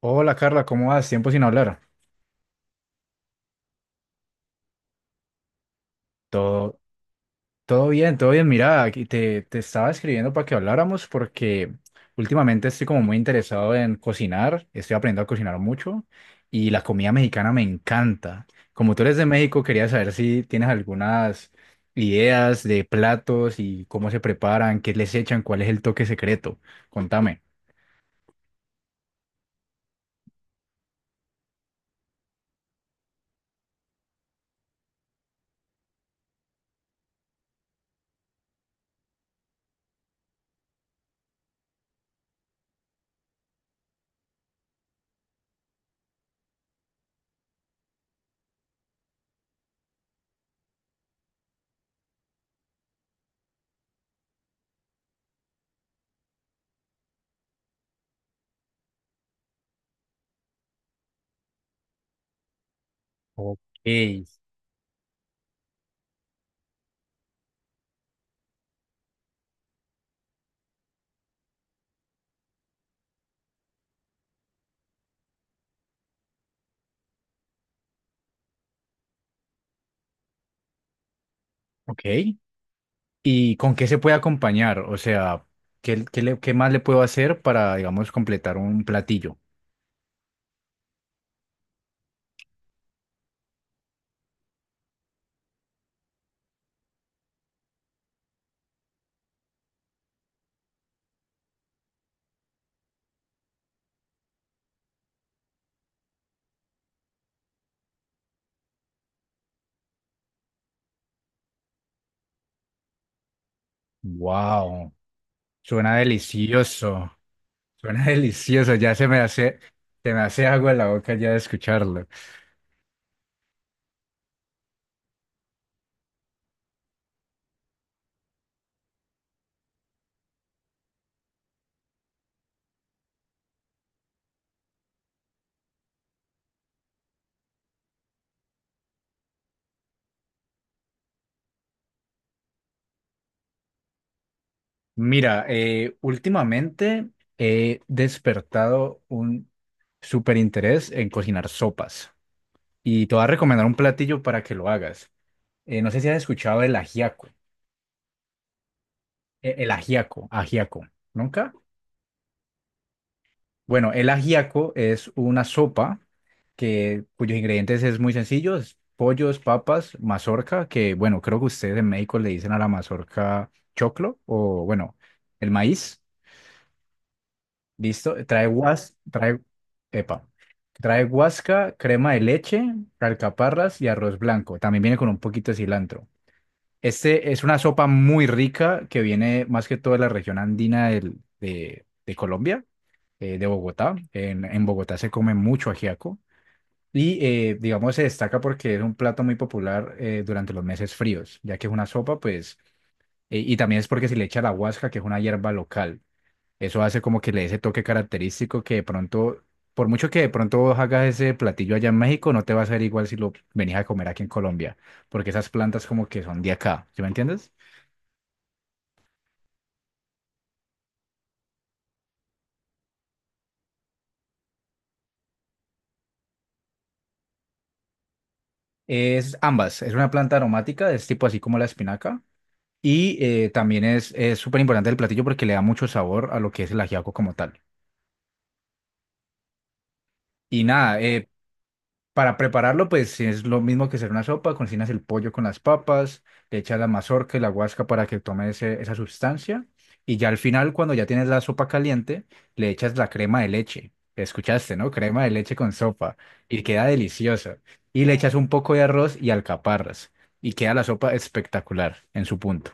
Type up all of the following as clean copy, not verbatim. Hola Carla, ¿cómo vas? Tiempo sin hablar. Todo, todo bien, todo bien. Mira, aquí te estaba escribiendo para que habláramos porque últimamente estoy como muy interesado en cocinar, estoy aprendiendo a cocinar mucho y la comida mexicana me encanta. Como tú eres de México, quería saber si tienes algunas ideas de platos y cómo se preparan, qué les echan, cuál es el toque secreto. Contame. Ok. ¿Ok? ¿Y con qué se puede acompañar? O sea, qué más le puedo hacer para, digamos, completar un platillo? Wow, suena delicioso, suena delicioso, ya se me hace agua en la boca ya de escucharlo. Mira, últimamente he despertado un súper interés en cocinar sopas y te voy a recomendar un platillo para que lo hagas. No sé si has escuchado el ajiaco, el ajiaco, ¿nunca? Bueno, el ajiaco es una sopa, cuyos ingredientes es muy sencillo, es pollos, papas, mazorca, que bueno, creo que ustedes en México le dicen a la mazorca choclo o bueno, el maíz, listo, epa, trae guasca, crema de leche, alcaparras y arroz blanco. También viene con un poquito de cilantro. Este es una sopa muy rica que viene más que todo de la región andina de Colombia, de Bogotá. En Bogotá se come mucho ajiaco y digamos se destaca porque es un plato muy popular durante los meses fríos, ya que es una sopa pues y también es porque se le echa la huasca, que es una hierba local. Eso hace como que le dé ese toque característico que de pronto, por mucho que de pronto vos hagas ese platillo allá en México, no te va a ser igual si lo venís a comer aquí en Colombia, porque esas plantas como que son de acá, ¿sí me entiendes? Es ambas, es una planta aromática, es tipo así como la espinaca. Y también es súper importante el platillo porque le da mucho sabor a lo que es el ajiaco como tal. Y nada, para prepararlo, pues es lo mismo que hacer una sopa, cocinas el pollo con las papas, le echas la mazorca y la guasca para que tome esa sustancia y ya al final, cuando ya tienes la sopa caliente, le echas la crema de leche. Escuchaste, ¿no? Crema de leche con sopa y queda deliciosa. Y le echas un poco de arroz y alcaparras y queda la sopa espectacular en su punto.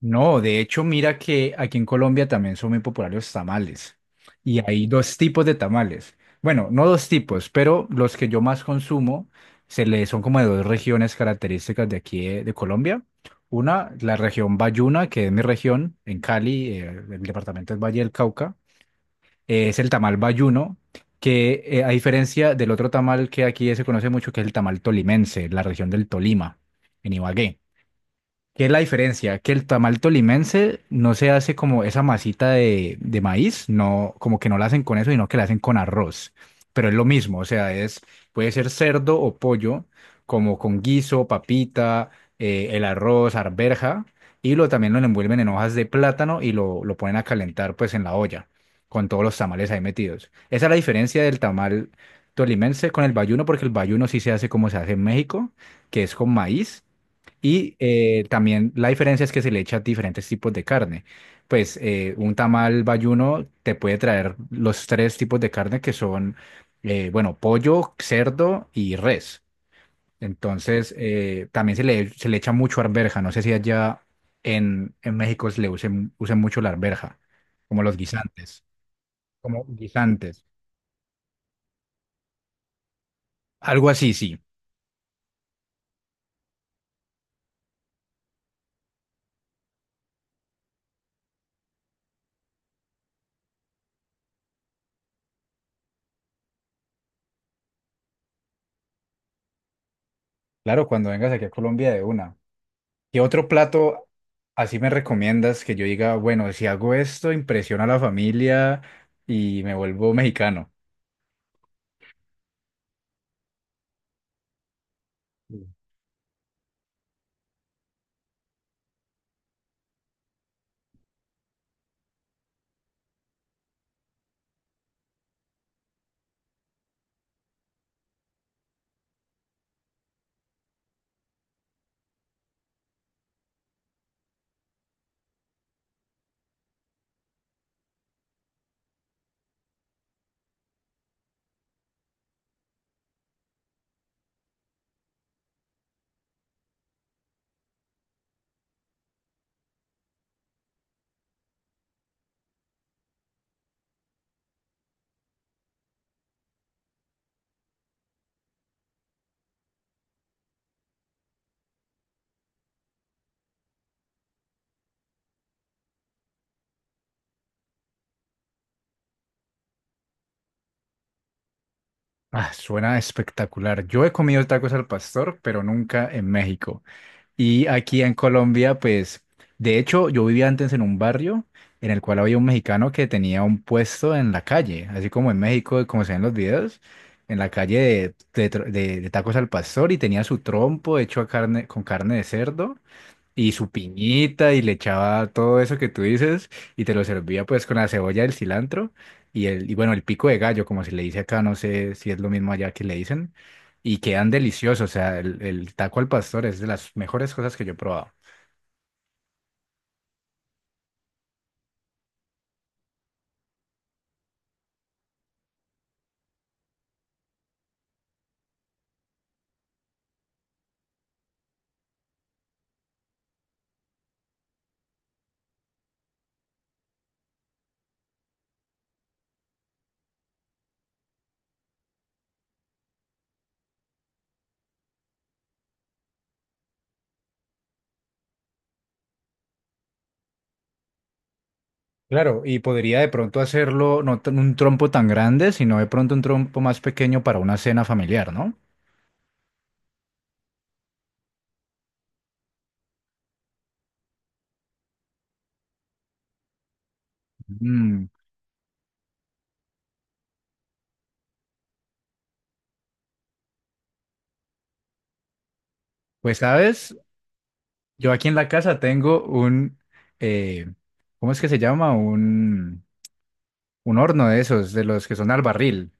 No, de hecho, mira que aquí en Colombia también son muy populares los tamales. Y hay dos tipos de tamales. Bueno, no dos tipos, pero los que yo más consumo son como de dos regiones características de aquí de Colombia. Una, la región Bayuna, que es mi región, en Cali, el departamento es Valle del Cauca. Es el tamal bayuno, que a diferencia del otro tamal que aquí se conoce mucho, que es el tamal tolimense, la región del Tolima, en Ibagué. ¿Qué es la diferencia? Que el tamal tolimense no se hace como esa masita de maíz, no, como que no la hacen con eso, sino que la hacen con arroz. Pero es lo mismo, o sea, puede ser cerdo o pollo, como con guiso, papita, el arroz, arberja, y también lo envuelven en hojas de plátano y lo ponen a calentar pues en la olla, con todos los tamales ahí metidos. Esa es la diferencia del tamal tolimense con el bayuno, porque el bayuno sí se hace como se hace en México, que es con maíz y también la diferencia es que se le echa diferentes tipos de carne. Pues un tamal bayuno te puede traer los tres tipos de carne que son, bueno, pollo, cerdo y res. Entonces, también se le echa mucho arveja. No sé si allá en México se le usen mucho la arveja, como los guisantes, como guisantes. Algo así, sí. Claro, cuando vengas aquí a Colombia de una. ¿Qué otro plato así me recomiendas que yo diga, bueno, si hago esto, impresiona a la familia y me vuelvo mexicano? Ah, suena espectacular. Yo he comido tacos al pastor, pero nunca en México. Y aquí en Colombia, pues, de hecho, yo vivía antes en un barrio en el cual había un mexicano que tenía un puesto en la calle, así como en México, como se ven los videos, en la calle de tacos al pastor y tenía su trompo hecho a carne, con carne de cerdo y su piñita y le echaba todo eso que tú dices y te lo servía pues con la cebolla, el cilantro y el y bueno, el pico de gallo, como se le dice acá, no sé si es lo mismo allá que le dicen, y quedan deliciosos, o sea, el taco al pastor es de las mejores cosas que yo he probado. Claro, y podría de pronto hacerlo no tan- un trompo tan grande, sino de pronto un trompo más pequeño para una cena familiar, ¿no? Mm, pues sabes, yo aquí en la casa tengo un, eh, ¿cómo es que se llama? Un horno de esos, de los que son al barril,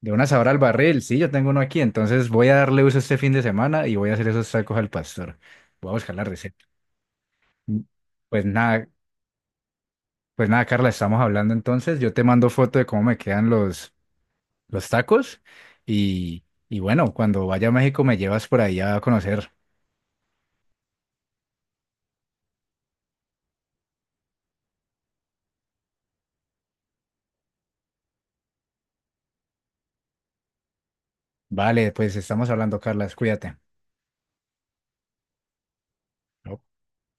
de una sabor al barril. Sí, yo tengo uno aquí, entonces voy a darle uso este fin de semana y voy a hacer esos tacos al pastor. Voy a buscar la receta. Mm. Pues nada, pues nada, Carla, estamos hablando entonces. Yo te mando foto de cómo me quedan los tacos y bueno, cuando vaya a México me llevas por ahí a conocer. Vale, pues estamos hablando, Carla, cuídate. Ok.